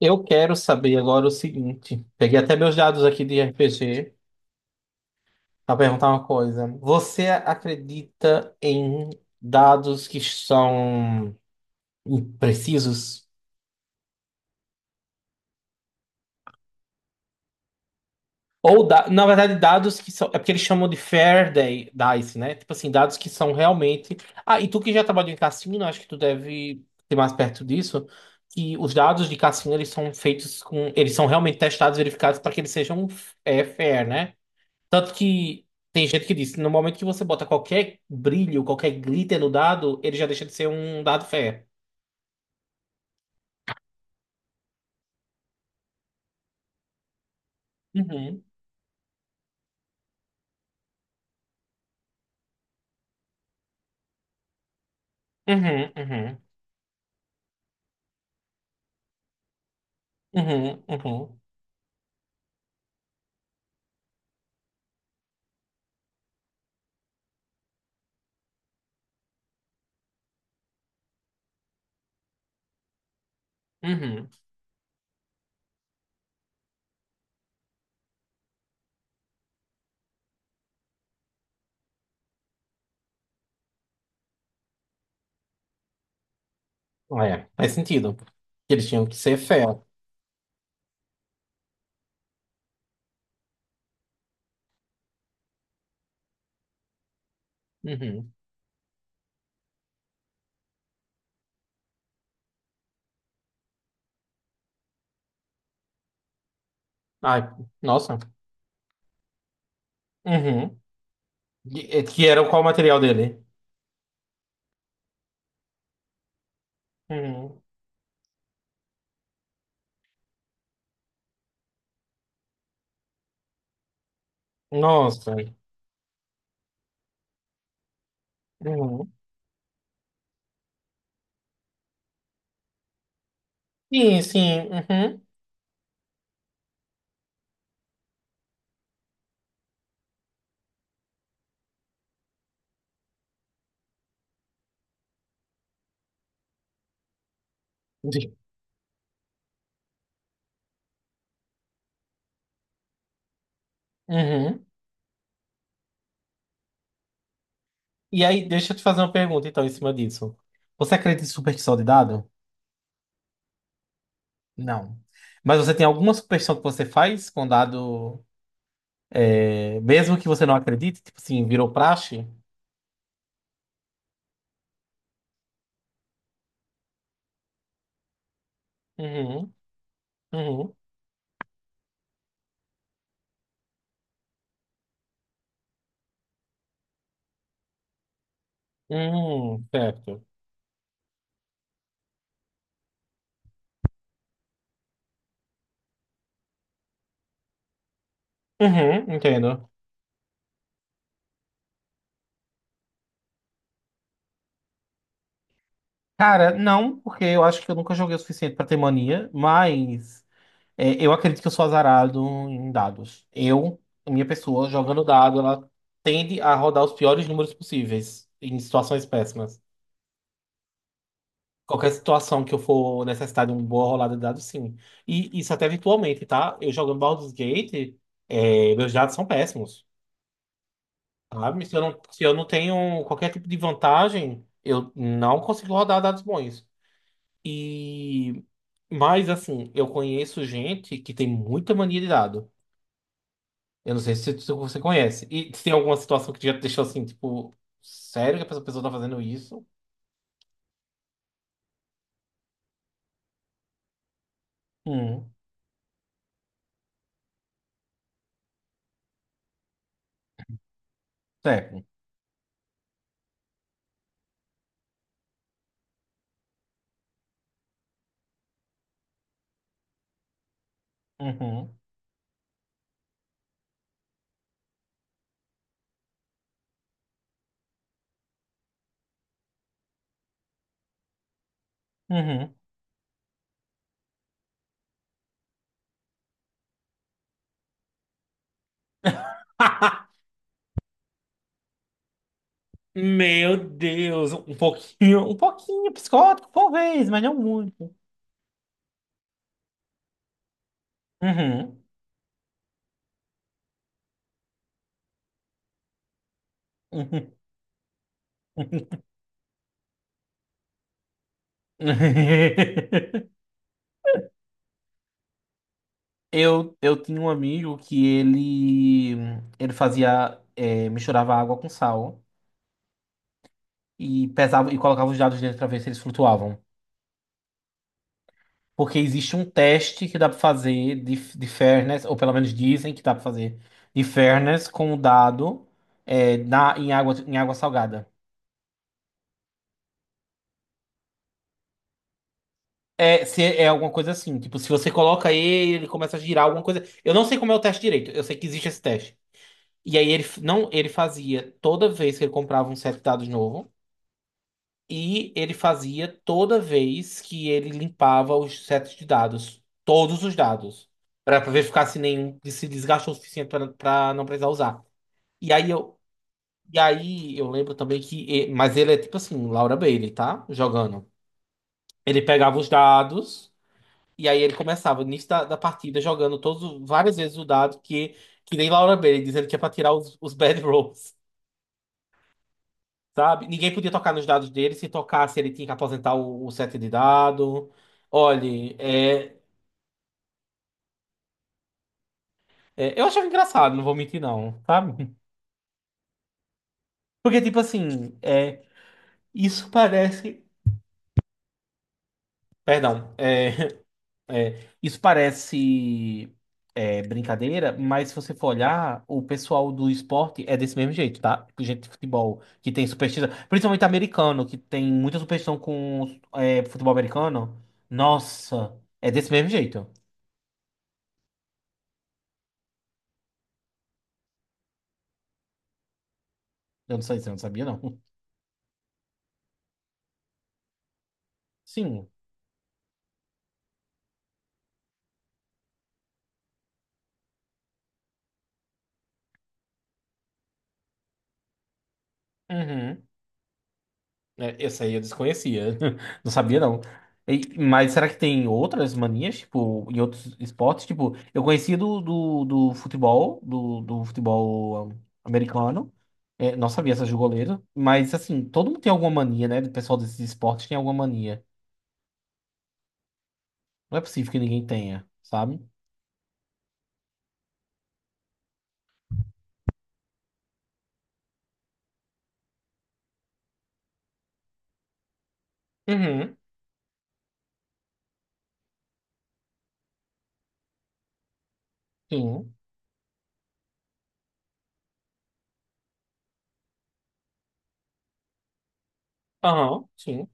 Eu quero saber agora o seguinte. Peguei até meus dados aqui de RPG para perguntar uma coisa. Você acredita em dados que são imprecisos? Ou, na verdade, dados que são. É porque eles chamam de dice, né? Tipo assim, dados que são realmente. Ah, e tu que já trabalhou em cassino, acho que tu deve ser mais perto disso. Que os dados de cassino, eles são feitos com. Eles são realmente testados, verificados para que eles sejam fair, né? Tanto que tem gente que disse, no momento que você bota qualquer brilho, qualquer glitter no dado, ele já deixa de ser um dado fé. Uhum, uhum, uhum, uhum, uhum, uhum. É, faz sentido. Que eles tinham que ser fé. Uhum. Ai, nossa. Uhum. Que era qual o material dele? Uhum. Nossa. Uhum. Sim, sim. Uhum. Uhum. E aí, deixa eu te fazer uma pergunta, então, em cima disso. Você acredita em superstição de dado? Não. Mas você tem alguma superstição que você faz com dado, mesmo que você não acredite, tipo assim, virou praxe? Uhum, uhum, uhum, certo. Uhum, entendo. Cara, não, porque eu acho que eu nunca joguei o suficiente pra ter mania, mas eu acredito que eu sou azarado em dados. Eu, a minha pessoa, jogando dado, ela tende a rodar os piores números possíveis em situações péssimas. Qualquer situação que eu for necessitar de uma boa rolada de dados, sim. E isso até virtualmente, tá? Eu jogando Baldur's Gate, meus dados são péssimos, sabe? Se eu não tenho qualquer tipo de vantagem, eu não consigo rodar dados bons. E... Mas, assim, eu conheço gente que tem muita mania de dado. Eu não sei se você conhece. E se tem alguma situação que já te deixou assim, tipo, sério que essa pessoa tá fazendo isso? Hum, sério. Uhum, uhum. Meu Deus, um pouquinho psicótico, talvez, mas não muito. Uhum. Uhum. Eu tinha um amigo que ele fazia misturava água com sal e pesava e colocava os dados dentro para ver se eles flutuavam. Porque existe um teste que dá para fazer de fairness, ou pelo menos dizem que dá para fazer de fairness com o dado em água salgada. É, se é alguma coisa assim. Tipo, se você coloca ele, ele começa a girar alguma coisa. Eu não sei como é o teste direito. Eu sei que existe esse teste. E aí não, ele fazia toda vez que ele comprava um set de dados novo. E ele fazia toda vez que ele limpava os sets de dados. Todos os dados. Pra ver ficar se nenhum se desgastou o suficiente pra não precisar usar. E aí eu. E aí eu lembro também Mas ele é tipo assim, Laura Bailey, tá? Jogando. Ele pegava os dados. E aí ele começava, no início da partida, jogando todos, várias vezes o dado que nem Laura Bailey, dizendo que é pra tirar os bad rolls, sabe? Ninguém podia tocar nos dados dele, se tocasse ele tinha que aposentar o set de dado. Olhe, eu achava engraçado, não vou mentir não, sabe? Porque, tipo assim, isso parece... Perdão, é. É, isso parece brincadeira, mas se você for olhar, o pessoal do esporte é desse mesmo jeito, tá? Tipo, gente de futebol que tem superstição, principalmente americano, que tem muita superstição com futebol americano. Nossa, é desse mesmo jeito. Eu não sei, se eu não sabia, não. Sim. Uhum. É, essa aí eu desconhecia. Não sabia, não. E- mas será que tem outras manias, tipo, em outros esportes? Tipo, eu conhecia do futebol, do futebol um, americano. É, não sabia essa de goleiro. Mas, assim, todo mundo tem alguma mania, né? O pessoal desses esportes tem alguma mania. Não é possível que ninguém tenha, sabe? Uhum, sim. Aham, sim.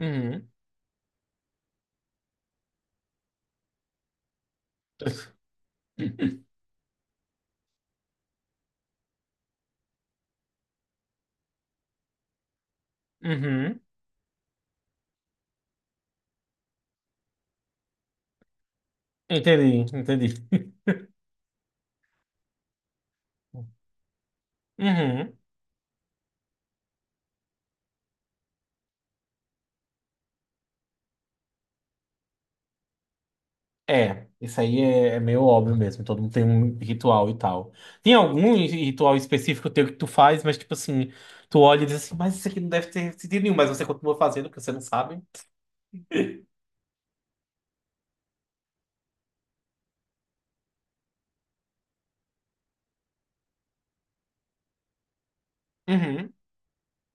Uhum. Uhum. Entendi, entendi. Uhum. É, isso aí é meio óbvio mesmo. Todo mundo tem um ritual e tal. Tem algum ritual específico teu que tu faz, mas tipo assim, tu olha e diz assim, mas isso aqui não deve ter sentido nenhum, mas você continua fazendo porque você não sabe. Uhum,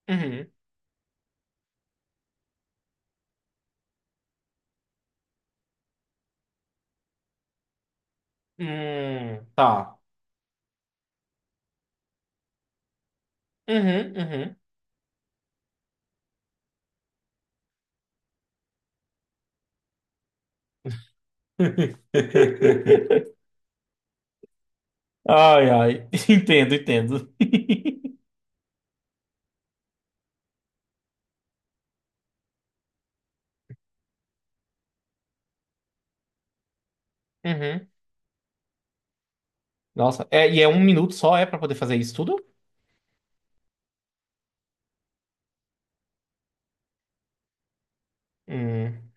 uhum. Tá. Uhum, uhum. Ai, ai. Entendo, entendo. Uhum. Nossa, é, e é um minuto só, é pra poder fazer isso tudo? Hum,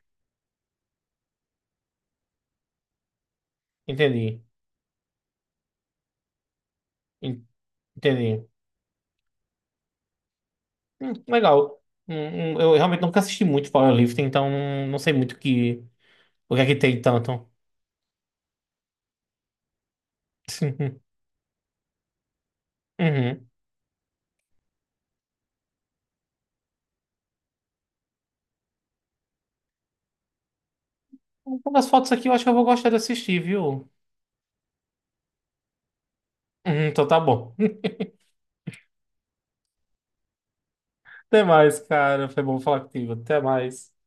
entendi. En- Entendi. Legal. Hum, eu realmente nunca assisti muito powerlifting, então não sei muito o que é que tem tanto. Uhum. Então, as fotos aqui eu acho que eu vou gostar de assistir, viu? Uhum, então tá bom. Até mais, cara. Foi bom falar contigo. Até mais.